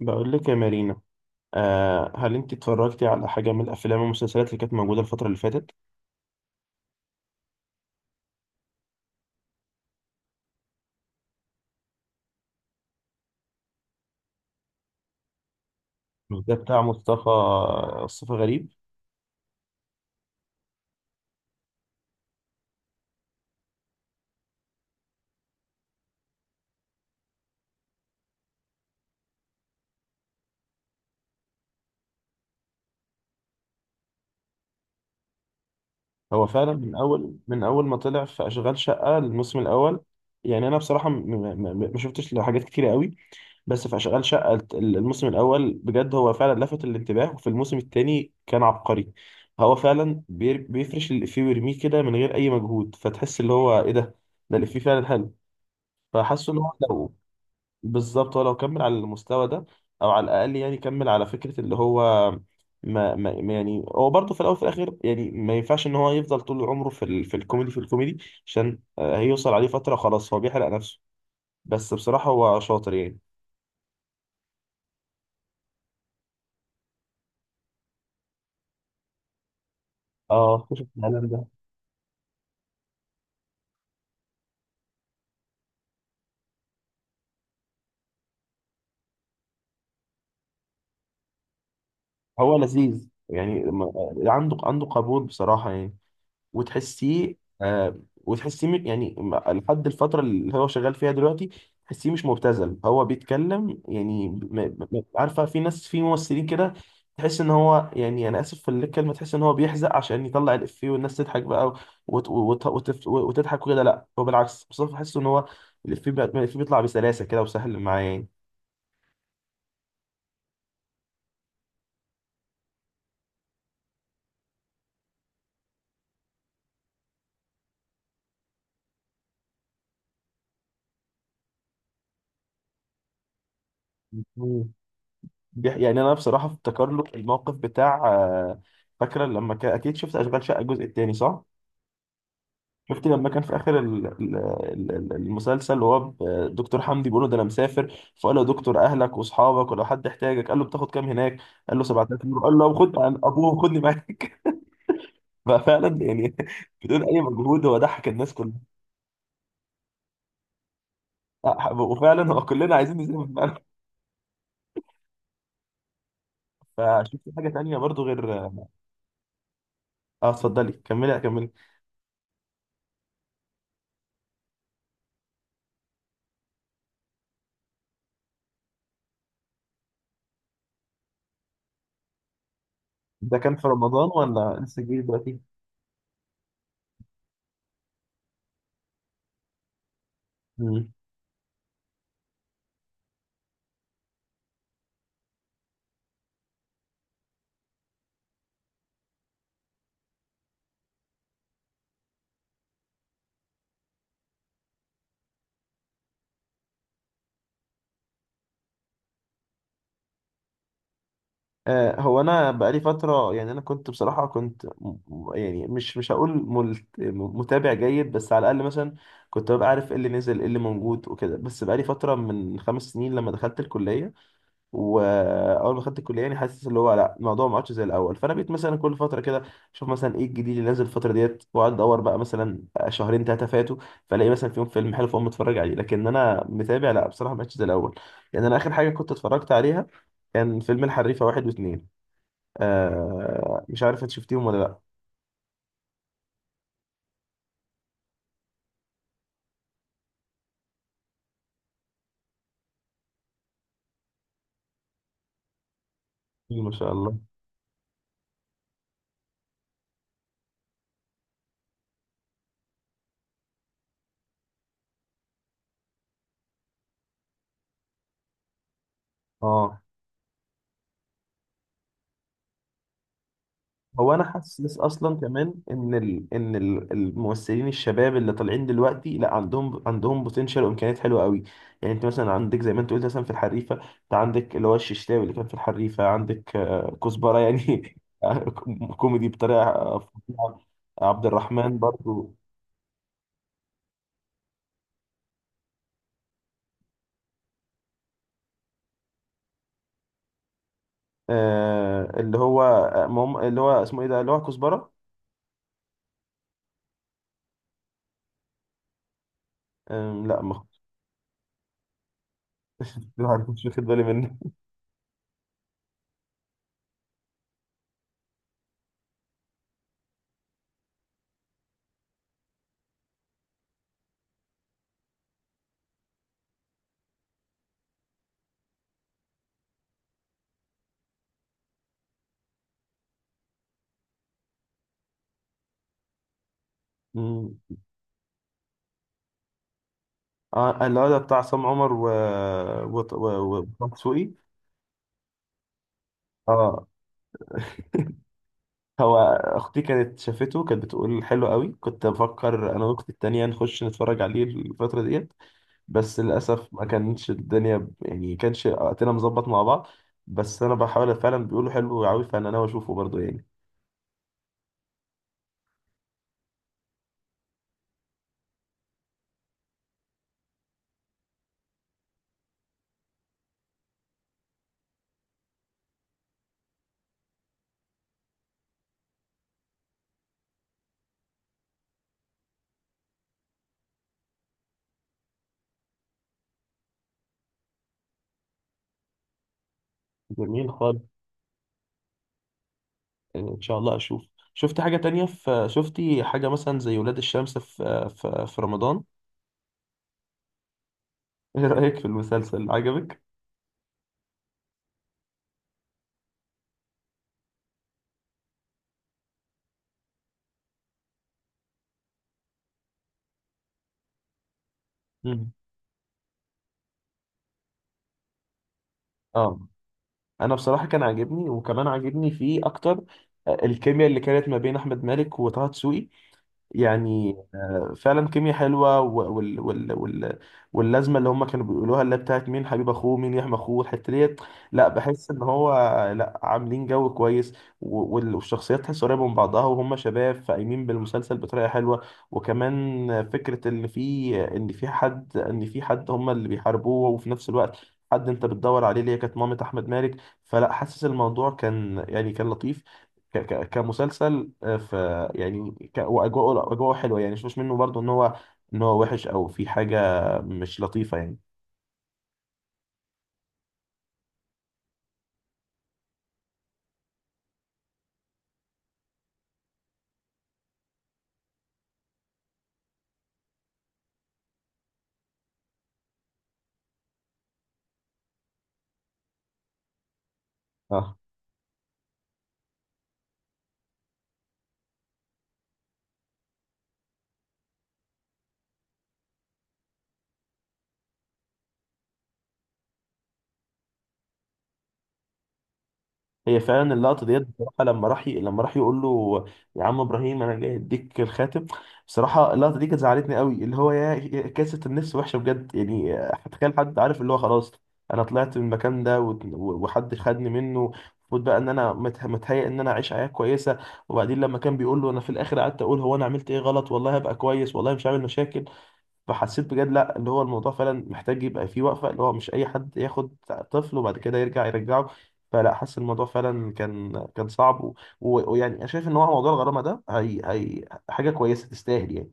بقول لك يا مارينا. هل انت اتفرجتي على حاجه من الافلام والمسلسلات اللي كانت موجوده الفتره اللي فاتت؟ ده بتاع مصطفى، مصطفى غريب. هو فعلا من اول ما طلع في اشغال شقه الموسم الاول. يعني انا بصراحه ما شفتش له حاجات كتيره قوي، بس في اشغال شقه الموسم الاول بجد هو فعلا لفت الانتباه، وفي الموسم الثاني كان عبقري. هو فعلا بيفرش الافيه ويرميه كده من غير اي مجهود، فتحس اللي هو ايه ده، ده الافيه فعلا حلو. فحاسه ان هو لو، بالظبط هو لو كمل على المستوى ده، او على الاقل يعني كمل على فكره اللي هو ما يعني هو برضه في الاول وفي الاخر يعني ما ينفعش ان هو يفضل طول عمره في الكوميدي في الكوميدي. عشان هيوصل عليه فتره خلاص هو بيحرق نفسه. بس بصراحه هو شاطر يعني. اه، اكتشف الكلام ده. هو لذيذ يعني عنده قبول بصراحه يعني، وتحسيه آه، وتحسيه لحد الفترة اللي هو شغال فيها دلوقتي تحسيه مش مبتذل. هو بيتكلم يعني عارفة في ناس في ممثلين كده تحس ان هو يعني، انا اسف في الكلمة، تحس ان هو بيحزق عشان يطلع الافيه والناس تضحك بقى، وت وت وت وتضحك وكده. لا هو بالعكس مصطفى، بحس ان هو الافيه بيطلع بسلاسة كده وسهل معاه يعني. مم. يعني انا بصراحة افتكر له الموقف بتاع فاكرة لما كان، اكيد شفت اشغال شقة الجزء التاني صح؟ شفتي لما كان في اخر المسلسل وهو دكتور حمدي بيقول له ده انا مسافر، فقال له يا دكتور اهلك واصحابك ولو حد احتاجك، قال له بتاخد كام هناك؟ قال له 7000 يورو، قال له خد عن ابوه خدني معاك. ففعلا يعني بدون اي مجهود هو ضحك الناس كلها. وفعلا هو كلنا عايزين نسافر فعلا. فشفت حاجه تانية برضو غير اه، اتفضلي كملي كملي. ده كان في رمضان ولا لسه جديد دلوقتي؟ هو انا بقالي فتره، يعني انا كنت بصراحه كنت يعني مش هقول متابع جيد، بس على الاقل مثلا كنت ببقى عارف ايه اللي نزل ايه اللي موجود وكده. بس بقالي فتره من 5 سنين لما دخلت الكليه، واول ما دخلت الكليه يعني حاسس اللي هو لا الموضوع ما عادش زي الاول. فانا بقيت مثلا كل فتره كده اشوف مثلا ايه الجديد اللي نازل الفتره ديت، واقعد ادور بقى مثلا شهرين 3 فاتوا، فالاقي مثلا فيهم فيلم حلو فاقوم اتفرج عليه. لكن انا متابع لا بصراحه ما عادش زي الاول. يعني انا اخر حاجه كنت اتفرجت عليها كان فيلم الحريفة 1 و2. آه، مش عارف انت شفتيهم ولا لا. كتير ما شاء الله. اه، هو انا حاسس اصلا كمان ان الممثلين الشباب اللي طالعين دلوقتي لا عندهم بوتنشال وامكانيات حلوه قوي. يعني انت مثلا عندك زي ما انت قلت مثلا في الحريفه، انت عندك اللي هو الششتاوي اللي كان في الحريفه، عندك آه كزبره يعني كوميدي بطريقه فظيعه. عبد الرحمن برضو. آه اللي هو اللي هو اسمه ايه ده اللي هو كزبره. آه لا ما ما كنتش واخد بالي منه. اه اللي هو ده بتاع عصام عمر وطه دسوقي. اه هو اختي كانت شافته كانت بتقول حلو قوي، كنت بفكر انا واختي التانية نخش نتفرج عليه الفترة ديت، بس للاسف ما كانتش الدنيا يعني كانش وقتنا مظبط مع بعض. بس انا بحاول فعلا بيقولوا حلو قوي فانا ناوي اشوفه برضه يعني. جميل خالص. ان شاء الله اشوف. شفت حاجة تانية؟ في شفتي حاجة مثلا زي ولاد الشمس في في رمضان؟ ايه رأيك في المسلسل، عجبك؟ مم. اه، انا بصراحه كان عاجبني، وكمان عاجبني فيه اكتر آه، الكيمياء اللي كانت ما بين احمد مالك وطه دسوقي. يعني آه، فعلا كيميا حلوه واللازمه اللي هم كانوا بيقولوها اللي هي بتاعت مين حبيب اخوه مين يحمي اخوه الحته ديت. لا بحس ان هو لا عاملين جو كويس، والشخصيات تحس قريبه من بعضها وهم شباب فايمين بالمسلسل بطريقه حلوه. وكمان فكره ان في حد هم اللي بيحاربوه، وفي نفس الوقت حد انت بتدور عليه اللي هي كانت مامة احمد مالك. فلا حاسس الموضوع كان يعني كان لطيف ك ك كمسلسل آه، ف يعني ك واجواءه، اجواءه حلوه يعني، مش منه برضو ان هو ان هو وحش او في حاجه مش لطيفه يعني. اه، هي فعلا اللقطه ديت بصراحه، لما لما راح يقول له يا عم ابراهيم انا جاي اديك الخاتم، بصراحه اللقطه دي كانت زعلتني قوي. اللي هو يا كاسه النفس وحشه بجد يعني، هتخيل حد عارف اللي هو خلاص انا طلعت من المكان ده وحد خدني منه، المفروض بقى ان انا متهيأ ان انا اعيش حياه كويسه، وبعدين لما كان بيقول له انا في الاخر قعدت اقول هو انا عملت ايه غلط، والله هبقى كويس والله مش عامل مشاكل. فحسيت بجد لا اللي هو الموضوع فعلا محتاج يبقى فيه وقفة، اللي هو مش أي حد ياخد طفل وبعد كده يرجع يرجعه. فلا حاسس الموضوع فعلا كان كان صعب، ويعني أنا شايف إن هو موضوع الغرامة ده هي حاجة كويسة تستاهل يعني.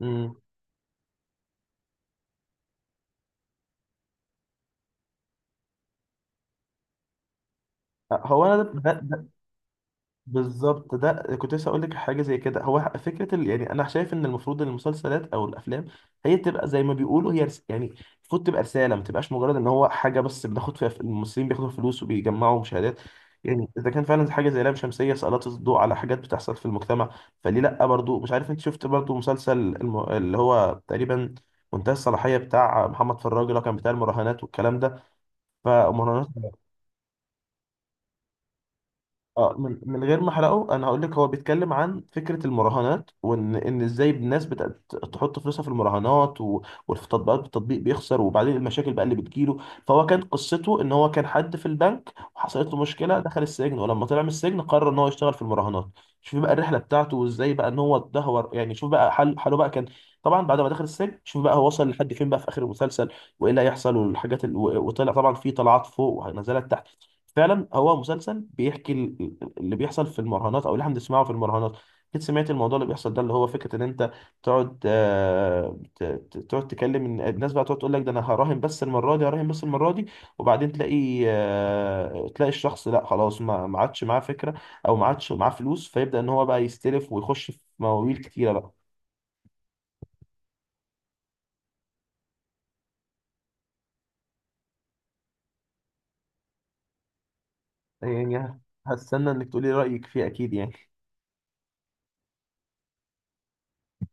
امم، هو أنا ده، بالظبط ده كنت لسه اقول لك حاجه زي كده. هو يعني انا شايف ان المفروض إن المسلسلات او الافلام هي تبقى زي ما بيقولوا هي يعني المفروض تبقى رساله، ما تبقاش مجرد ان هو حاجه بس بناخد فيها الممثلين بياخدوا فلوس وبيجمعوا مشاهدات. يعني اذا كان فعلا حاجه زي لام شمسيه سلطت الضوء على حاجات بتحصل في المجتمع، فليه لا؟ برضو مش عارف انت شفت برضو اللي هو تقريبا منتهى الصلاحيه بتاع محمد فراج، اللي هو كان بتاع المراهنات والكلام ده، فمراهنات. اه، من غير ما احرقه انا هقول لك هو بيتكلم عن فكره المراهنات، وان ازاي الناس بتحط فلوسها في المراهنات، وفي تطبيقات، التطبيق بيخسر وبعدين المشاكل بقى اللي بتجيله. فهو كان قصته ان هو كان حد في البنك وحصلت له مشكله دخل السجن، ولما طلع من السجن قرر ان هو يشتغل في المراهنات. شوف بقى الرحله بتاعته وازاي بقى ان هو اتدهور، يعني شوف بقى حل حاله بقى كان، طبعا بعد ما دخل السجن شوف بقى هو وصل لحد فين بقى في اخر المسلسل وايه اللي هيحصل وطلع طبعا في طلعات فوق ونزلات. فعلا هو مسلسل بيحكي اللي بيحصل في المراهنات او اللي احنا بنسمعه في المراهنات. اكيد سمعت الموضوع اللي بيحصل ده، اللي هو فكره ان انت تقعد آه، تقعد تكلم الناس بقى تقعد تقول لك ده انا هراهن بس المره دي، هراهن بس المره دي، وبعدين تلاقي آه، تلاقي الشخص لا خلاص ما عادش معاه فكره او ما عادش معاه فلوس، فيبدا ان هو بقى يستلف ويخش في مواويل كتيره بقى. يعني هستنى انك تقولي رايك فيه اكيد يعني.